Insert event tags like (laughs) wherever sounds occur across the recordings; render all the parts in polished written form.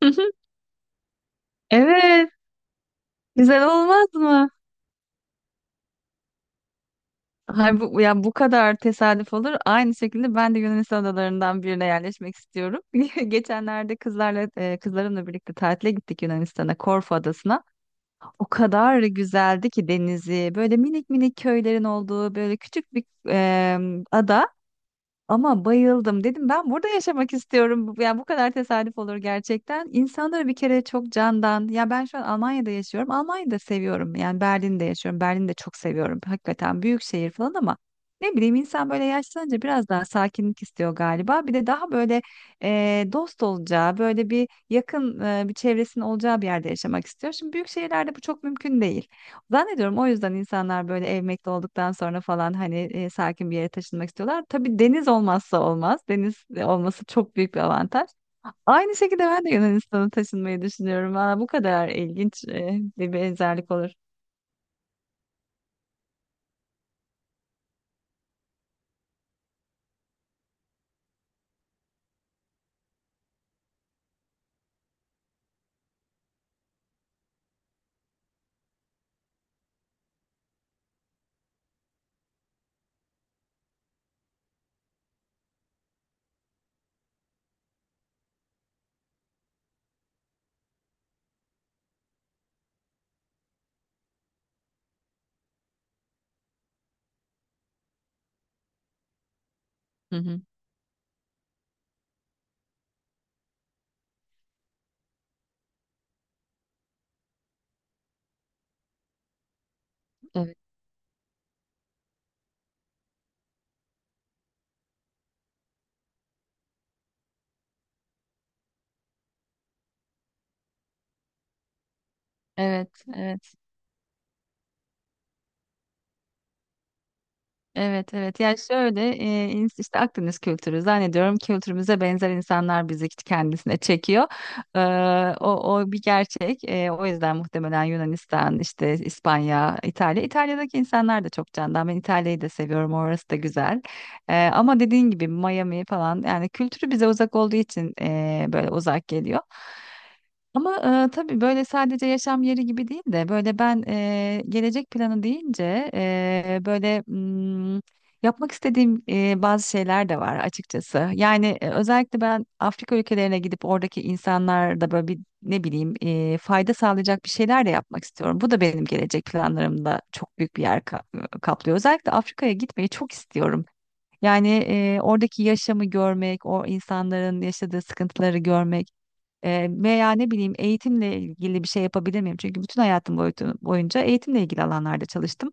(laughs) Evet, güzel olmaz mı? Hay bu ya bu kadar tesadüf olur. Aynı şekilde ben de Yunanistan adalarından birine yerleşmek istiyorum. (laughs) Geçenlerde kızlarımla birlikte tatile gittik Yunanistan'a, Korfu adasına. O kadar güzeldi ki denizi, böyle minik minik köylerin olduğu böyle küçük bir ada. Ama bayıldım. Dedim ben burada yaşamak istiyorum. Yani bu kadar tesadüf olur gerçekten. İnsanları bir kere çok candan. Ya ben şu an Almanya'da yaşıyorum. Almanya'da seviyorum. Yani Berlin'de yaşıyorum. Berlin'de çok seviyorum. Hakikaten büyük şehir falan ama ne bileyim insan böyle yaşlanınca biraz daha sakinlik istiyor galiba. Bir de daha böyle dost olacağı, böyle bir yakın bir çevresinin olacağı bir yerde yaşamak istiyor. Şimdi büyük şehirlerde bu çok mümkün değil. Zannediyorum o yüzden insanlar böyle emekli olduktan sonra falan hani sakin bir yere taşınmak istiyorlar. Tabii deniz olmazsa olmaz. Deniz olması çok büyük bir avantaj. Aynı şekilde ben de Yunanistan'a taşınmayı düşünüyorum. Valla bu kadar ilginç bir benzerlik olur. Hı hı. Evet. Evet, evet. Evet, evet, yani şöyle işte Akdeniz kültürü zannediyorum kültürümüze benzer insanlar bizi kendisine çekiyor. Ee, o o, bir gerçek. O yüzden muhtemelen Yunanistan, işte İspanya, İtalya. İtalya'daki insanlar da çok candan. Ben İtalya'yı da seviyorum. Orası da güzel. Ama dediğin gibi Miami falan yani kültürü bize uzak olduğu için böyle uzak geliyor. Ama tabii böyle sadece yaşam yeri gibi değil de böyle ben gelecek planı deyince böyle yapmak istediğim bazı şeyler de var açıkçası. Yani özellikle ben Afrika ülkelerine gidip oradaki insanlarda böyle bir ne bileyim fayda sağlayacak bir şeyler de yapmak istiyorum. Bu da benim gelecek planlarımda çok büyük bir yer kaplıyor. Özellikle Afrika'ya gitmeyi çok istiyorum. Yani oradaki yaşamı görmek, o insanların yaşadığı sıkıntıları görmek. Veya ne bileyim eğitimle ilgili bir şey yapabilir miyim? Çünkü bütün hayatım boyunca eğitimle ilgili alanlarda çalıştım.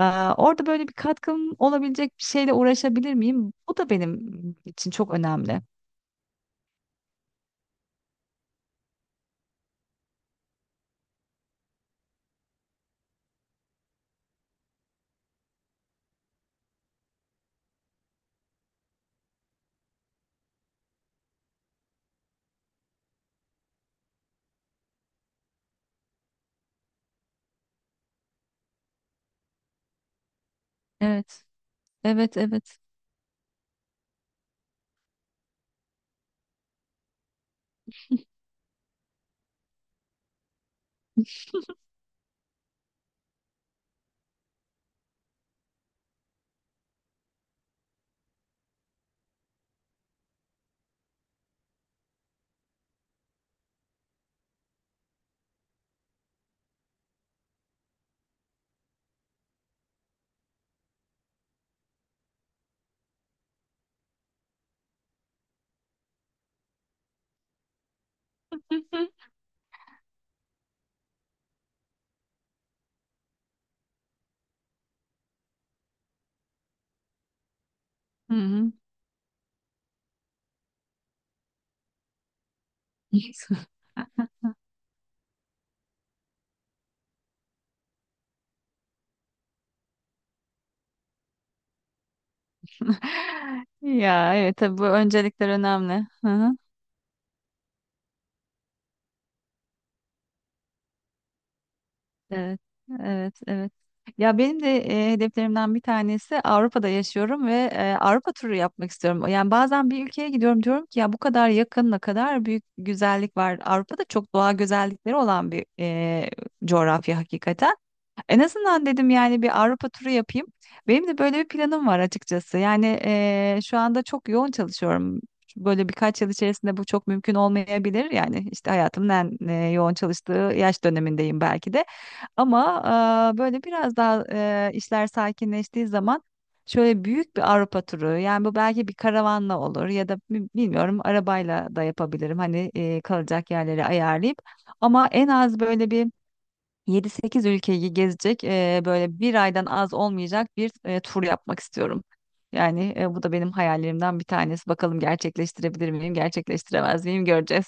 Orada böyle bir katkım olabilecek bir şeyle uğraşabilir miyim? Bu da benim için çok önemli. Evet, evet, evet. (laughs) Hı hı. Hı hı. (laughs) Ya evet, tabii bu öncelikler önemli. Hı hı. Evet, evet, evet. Ya benim de hedeflerimden bir tanesi Avrupa'da yaşıyorum ve Avrupa turu yapmak istiyorum. Yani bazen bir ülkeye gidiyorum diyorum ki ya bu kadar yakın ne kadar büyük güzellik var. Avrupa'da çok doğa güzellikleri olan bir coğrafya hakikaten. En azından dedim yani bir Avrupa turu yapayım. Benim de böyle bir planım var açıkçası. Yani şu anda çok yoğun çalışıyorum. Böyle birkaç yıl içerisinde bu çok mümkün olmayabilir. Yani işte hayatımın en yoğun çalıştığı yaş dönemindeyim belki de. Ama böyle biraz daha işler sakinleştiği zaman şöyle büyük bir Avrupa turu yani bu belki bir karavanla olur ya da bilmiyorum arabayla da yapabilirim hani kalacak yerleri ayarlayıp ama en az böyle bir yedi sekiz ülkeyi gezecek böyle bir aydan az olmayacak bir tur yapmak istiyorum. Yani bu da benim hayallerimden bir tanesi. Bakalım gerçekleştirebilir miyim, gerçekleştiremez miyim göreceğiz.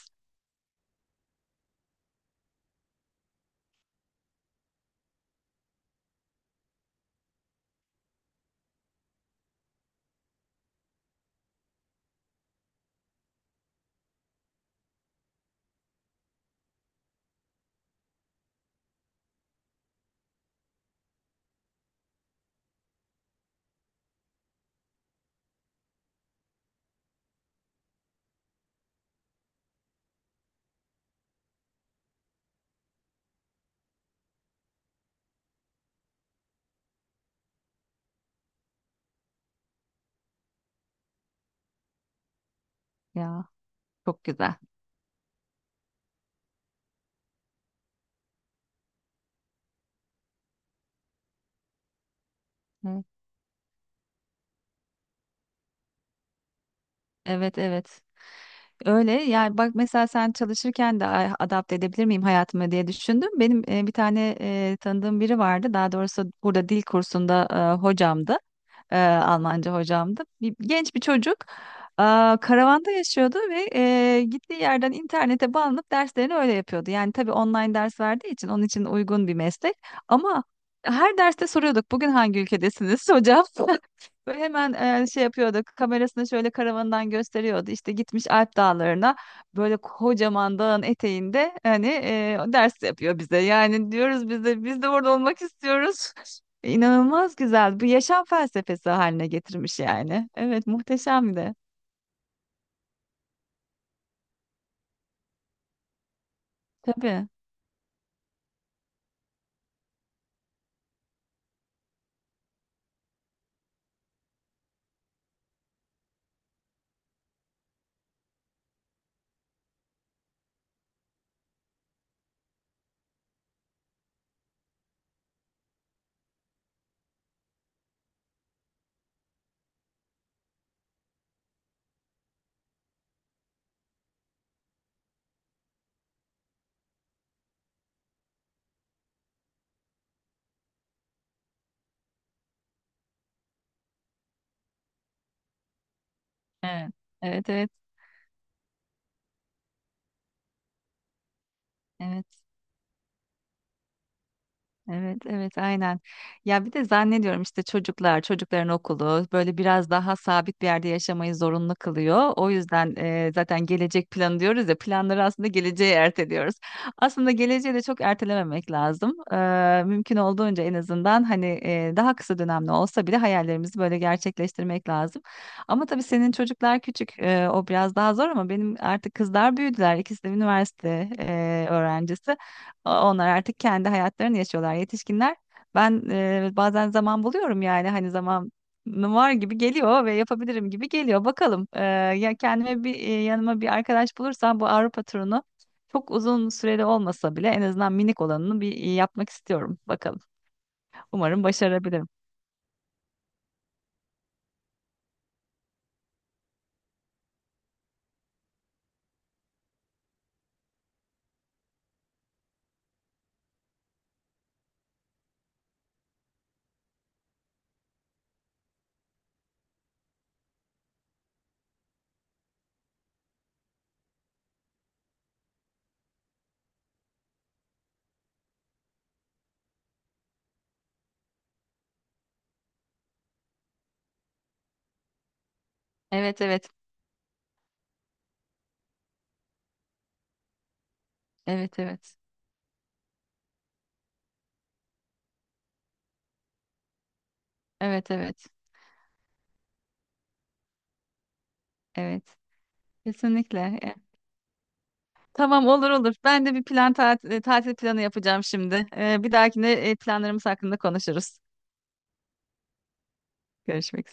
Ya çok güzel. Hı. Evet, evet. Öyle yani bak mesela sen çalışırken de "Ay, adapte edebilir miyim hayatıma diye düşündüm. Benim bir tane tanıdığım biri vardı. Daha doğrusu burada dil kursunda hocamdı. Almanca hocamdı. Genç bir çocuk e, karavanda yaşıyordu ve gittiği yerden internete bağlanıp derslerini öyle yapıyordu. Yani tabii online ders verdiği için onun için uygun bir meslek. Ama her derste soruyorduk bugün hangi ülkedesiniz (laughs) hocam? Böyle hemen şey yapıyordu. Kamerasını şöyle karavanından gösteriyordu. İşte gitmiş Alp Dağları'na böyle kocaman dağın eteğinde hani ders yapıyor bize. Yani diyoruz biz de biz de orada olmak istiyoruz. (laughs) İnanılmaz güzel. Bu yaşam felsefesi haline getirmiş yani. Evet muhteşem de. Tabii. Evet. Evet, evet. Evet. Evet, evet, aynen. Ya bir de zannediyorum işte çocuklar, çocukların okulu böyle biraz daha sabit bir yerde yaşamayı zorunlu kılıyor. O yüzden zaten gelecek planı diyoruz ya, planları aslında geleceğe erteliyoruz. Aslında geleceği de çok ertelememek lazım. Mümkün olduğunca en azından hani daha kısa dönemli olsa bile hayallerimizi böyle gerçekleştirmek lazım. Ama tabii senin çocuklar küçük, o biraz daha zor ama benim artık kızlar büyüdüler. İkisi de üniversite öğrencisi. Onlar artık kendi hayatlarını yaşıyorlar yetişkinler. Ben bazen zaman buluyorum yani hani zaman var gibi geliyor ve yapabilirim gibi geliyor. Bakalım ya kendime bir yanıma bir arkadaş bulursam bu Avrupa turunu çok uzun süreli olmasa bile en azından minik olanını bir yapmak istiyorum. Bakalım. Umarım başarabilirim. Evet, evet. Evet, evet. Evet, evet. Evet. Kesinlikle. Tamam, olur olur. Ben de bir plan tatil planı yapacağım şimdi. Bir dahakine planlarımız hakkında konuşuruz. Görüşmek üzere.